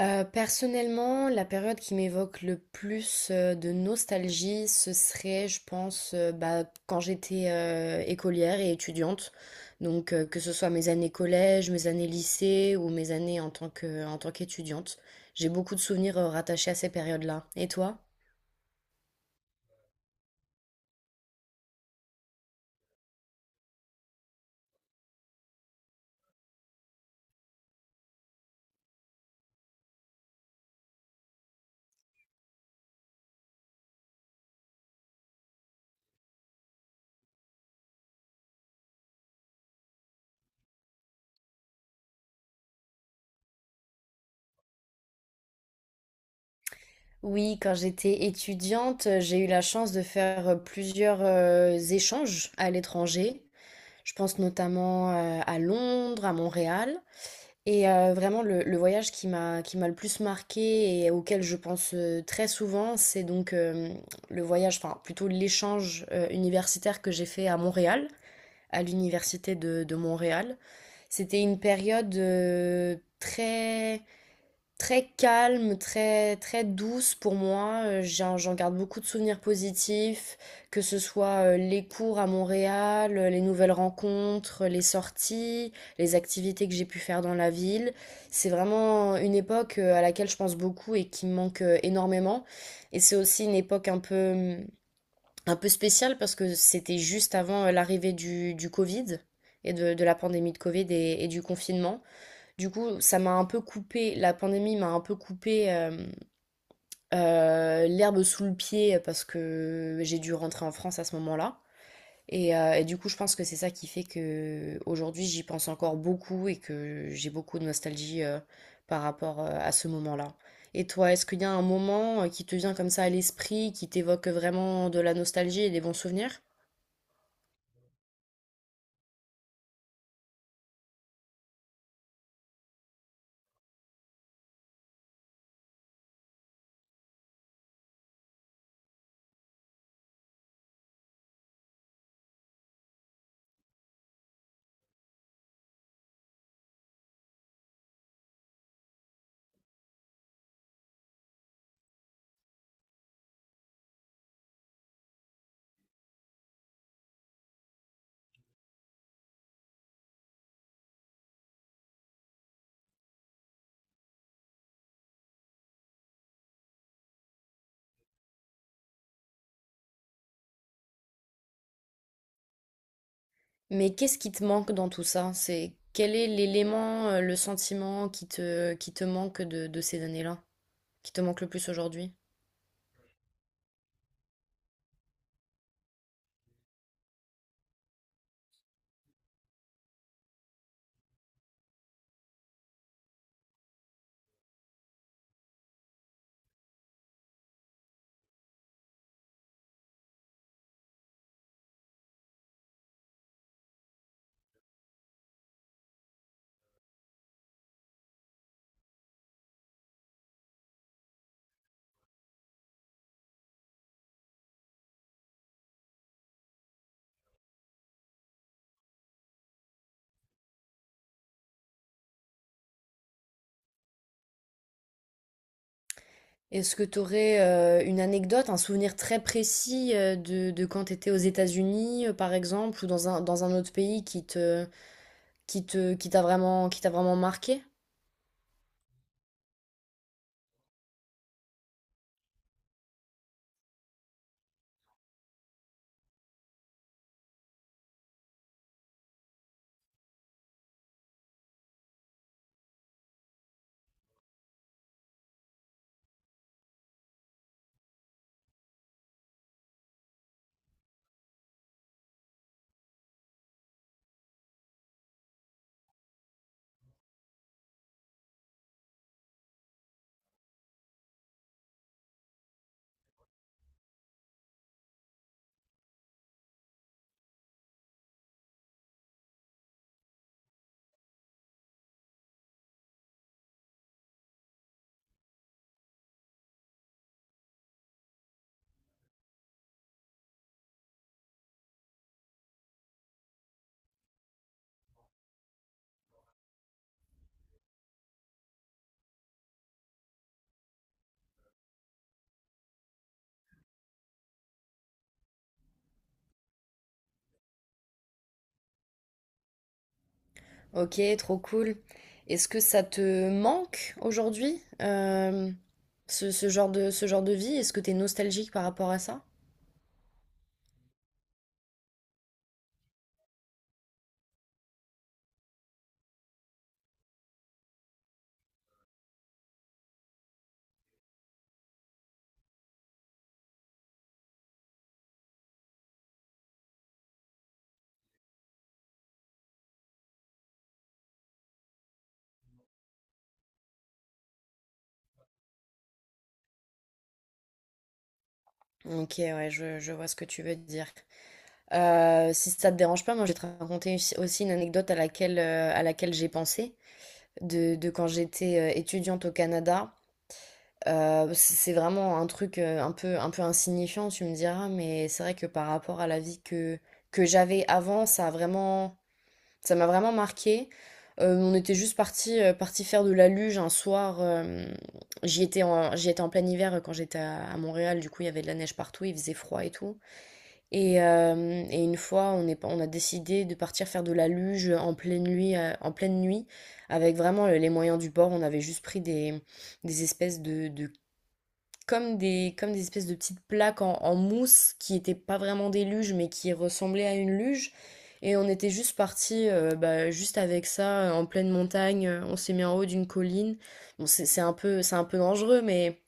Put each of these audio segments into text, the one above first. Personnellement, la période qui m'évoque le plus, de nostalgie, ce serait, je pense, quand j'étais, écolière et étudiante. Donc, que ce soit mes années collège, mes années lycée ou mes années en tant qu'étudiante. J'ai beaucoup de souvenirs, rattachés à ces périodes-là. Et toi? Oui, quand j'étais étudiante, j'ai eu la chance de faire, plusieurs, échanges à l'étranger. Je pense notamment, à Londres, à Montréal. Et vraiment le voyage qui m'a le plus marqué et auquel je pense, très souvent, c'est donc, le voyage, enfin plutôt l'échange, universitaire que j'ai fait à Montréal, à l'université de Montréal. C'était une période, très très calme, très, très douce pour moi. J'en garde beaucoup de souvenirs positifs, que ce soit les cours à Montréal, les nouvelles rencontres, les sorties, les activités que j'ai pu faire dans la ville. C'est vraiment une époque à laquelle je pense beaucoup et qui me manque énormément. Et c'est aussi une époque un peu spéciale parce que c'était juste avant l'arrivée du Covid et de la pandémie de Covid et du confinement. Du coup, ça m'a un peu coupé, la pandémie m'a un peu coupé l'herbe sous le pied parce que j'ai dû rentrer en France à ce moment-là. Et du coup, je pense que c'est ça qui fait que aujourd'hui, j'y pense encore beaucoup et que j'ai beaucoup de nostalgie par rapport à ce moment-là. Et toi, est-ce qu'il y a un moment qui te vient comme ça à l'esprit, qui t'évoque vraiment de la nostalgie et des bons souvenirs? Mais qu'est-ce qui te manque dans tout ça? C'est quel est l'élément, le sentiment qui te manque de ces années-là, qui te manque le plus aujourd'hui? Est-ce que tu aurais une anecdote, un souvenir très précis de quand tu étais aux États-Unis, par exemple, ou dans un autre pays qui t'a vraiment marqué? Ok, trop cool. Est-ce que ça te manque aujourd'hui, ce genre de vie? Est-ce que tu es nostalgique par rapport à ça? Ok, ouais, je vois ce que tu veux dire. Si ça te dérange pas, moi je vais te raconter aussi une anecdote à laquelle j'ai pensé, de quand j'étais étudiante au Canada. C'est vraiment un truc un peu insignifiant, tu me diras, mais c'est vrai que par rapport à la vie que j'avais avant, ça a vraiment, ça m'a vraiment marqué. On était juste parti faire de la luge un soir. J'y étais en plein hiver quand j'étais à Montréal, du coup il y avait de la neige partout, il faisait froid et tout. Et une fois, on a décidé de partir faire de la luge en pleine nuit, avec vraiment les moyens du bord. On avait juste pris des espèces de- comme des espèces de petites plaques en mousse qui n'étaient pas vraiment des luges, mais qui ressemblaient à une luge. Et on était juste parti, juste avec ça, en pleine montagne. On s'est mis en haut d'une colline. Bon, c'est un peu dangereux, mais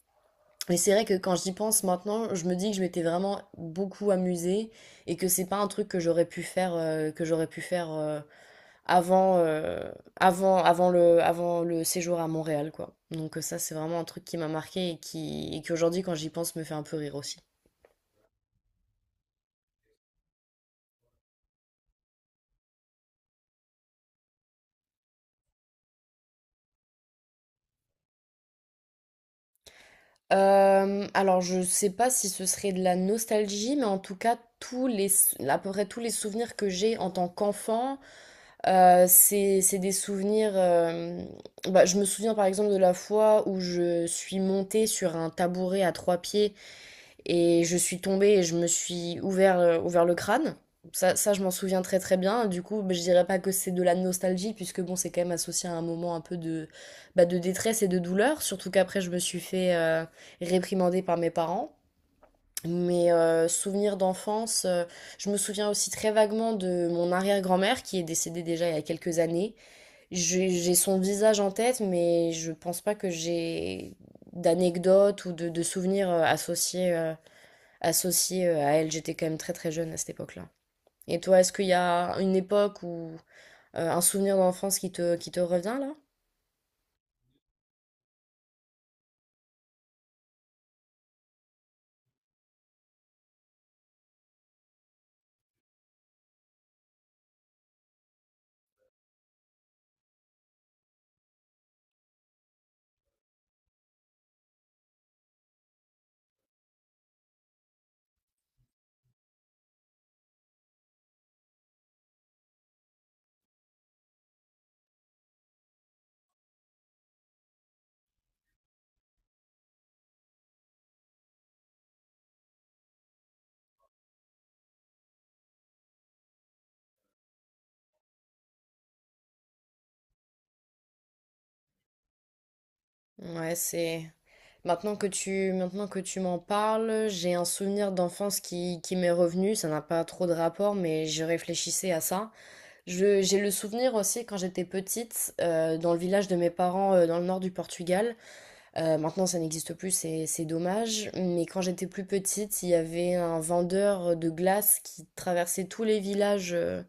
et c'est vrai que quand j'y pense maintenant, je me dis que je m'étais vraiment beaucoup amusée et que c'est pas un truc que j'aurais pu faire que j'aurais pu faire avant avant avant le séjour à Montréal quoi. Donc ça c'est vraiment un truc qui m'a marqué et qui aujourd'hui quand j'y pense me fait un peu rire aussi. Alors je sais pas si ce serait de la nostalgie, mais en tout cas tous les à peu près tous les souvenirs que j'ai en tant qu'enfant. C'est des souvenirs. Je me souviens par exemple de la fois où je suis montée sur un tabouret à trois pieds et je suis tombée et je me suis ouvert le crâne. Je m'en souviens très très bien. Du coup, bah, je dirais pas que c'est de la nostalgie puisque bon, c'est quand même associé à un moment un peu de détresse et de douleur. Surtout qu'après, je me suis fait réprimander par mes parents. Mes souvenirs d'enfance, je me souviens aussi très vaguement de mon arrière-grand-mère qui est décédée déjà il y a quelques années. J'ai son visage en tête, mais je pense pas que j'ai d'anecdotes ou de souvenirs associés à elle. J'étais quand même très très jeune à cette époque-là. Et toi, est-ce qu'il y a une époque ou un souvenir d'enfance qui te revient là? Ouais, c'est... maintenant que tu m'en parles, j'ai un souvenir d'enfance qui m'est revenu. Ça n'a pas trop de rapport, mais je réfléchissais à ça. J'ai le souvenir aussi quand j'étais petite, dans le village de mes parents, dans le nord du Portugal. Maintenant, ça n'existe plus, c'est dommage. Mais quand j'étais plus petite, il y avait un vendeur de glace qui traversait tous les villages euh,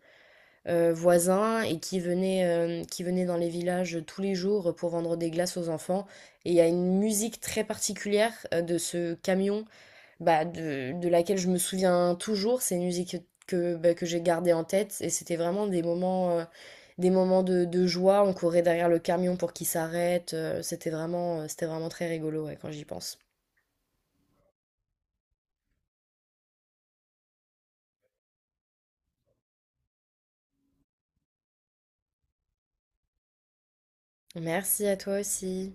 euh, voisins et qui venait dans les villages tous les jours pour vendre des glaces aux enfants. Et il y a une musique très particulière de ce camion de laquelle je me souviens toujours. C'est une musique que j'ai gardée en tête et c'était vraiment des moments de joie. On courait derrière le camion pour qu'il s'arrête. C'était vraiment, c'était vraiment très rigolo, ouais, quand j'y pense. Merci à toi aussi.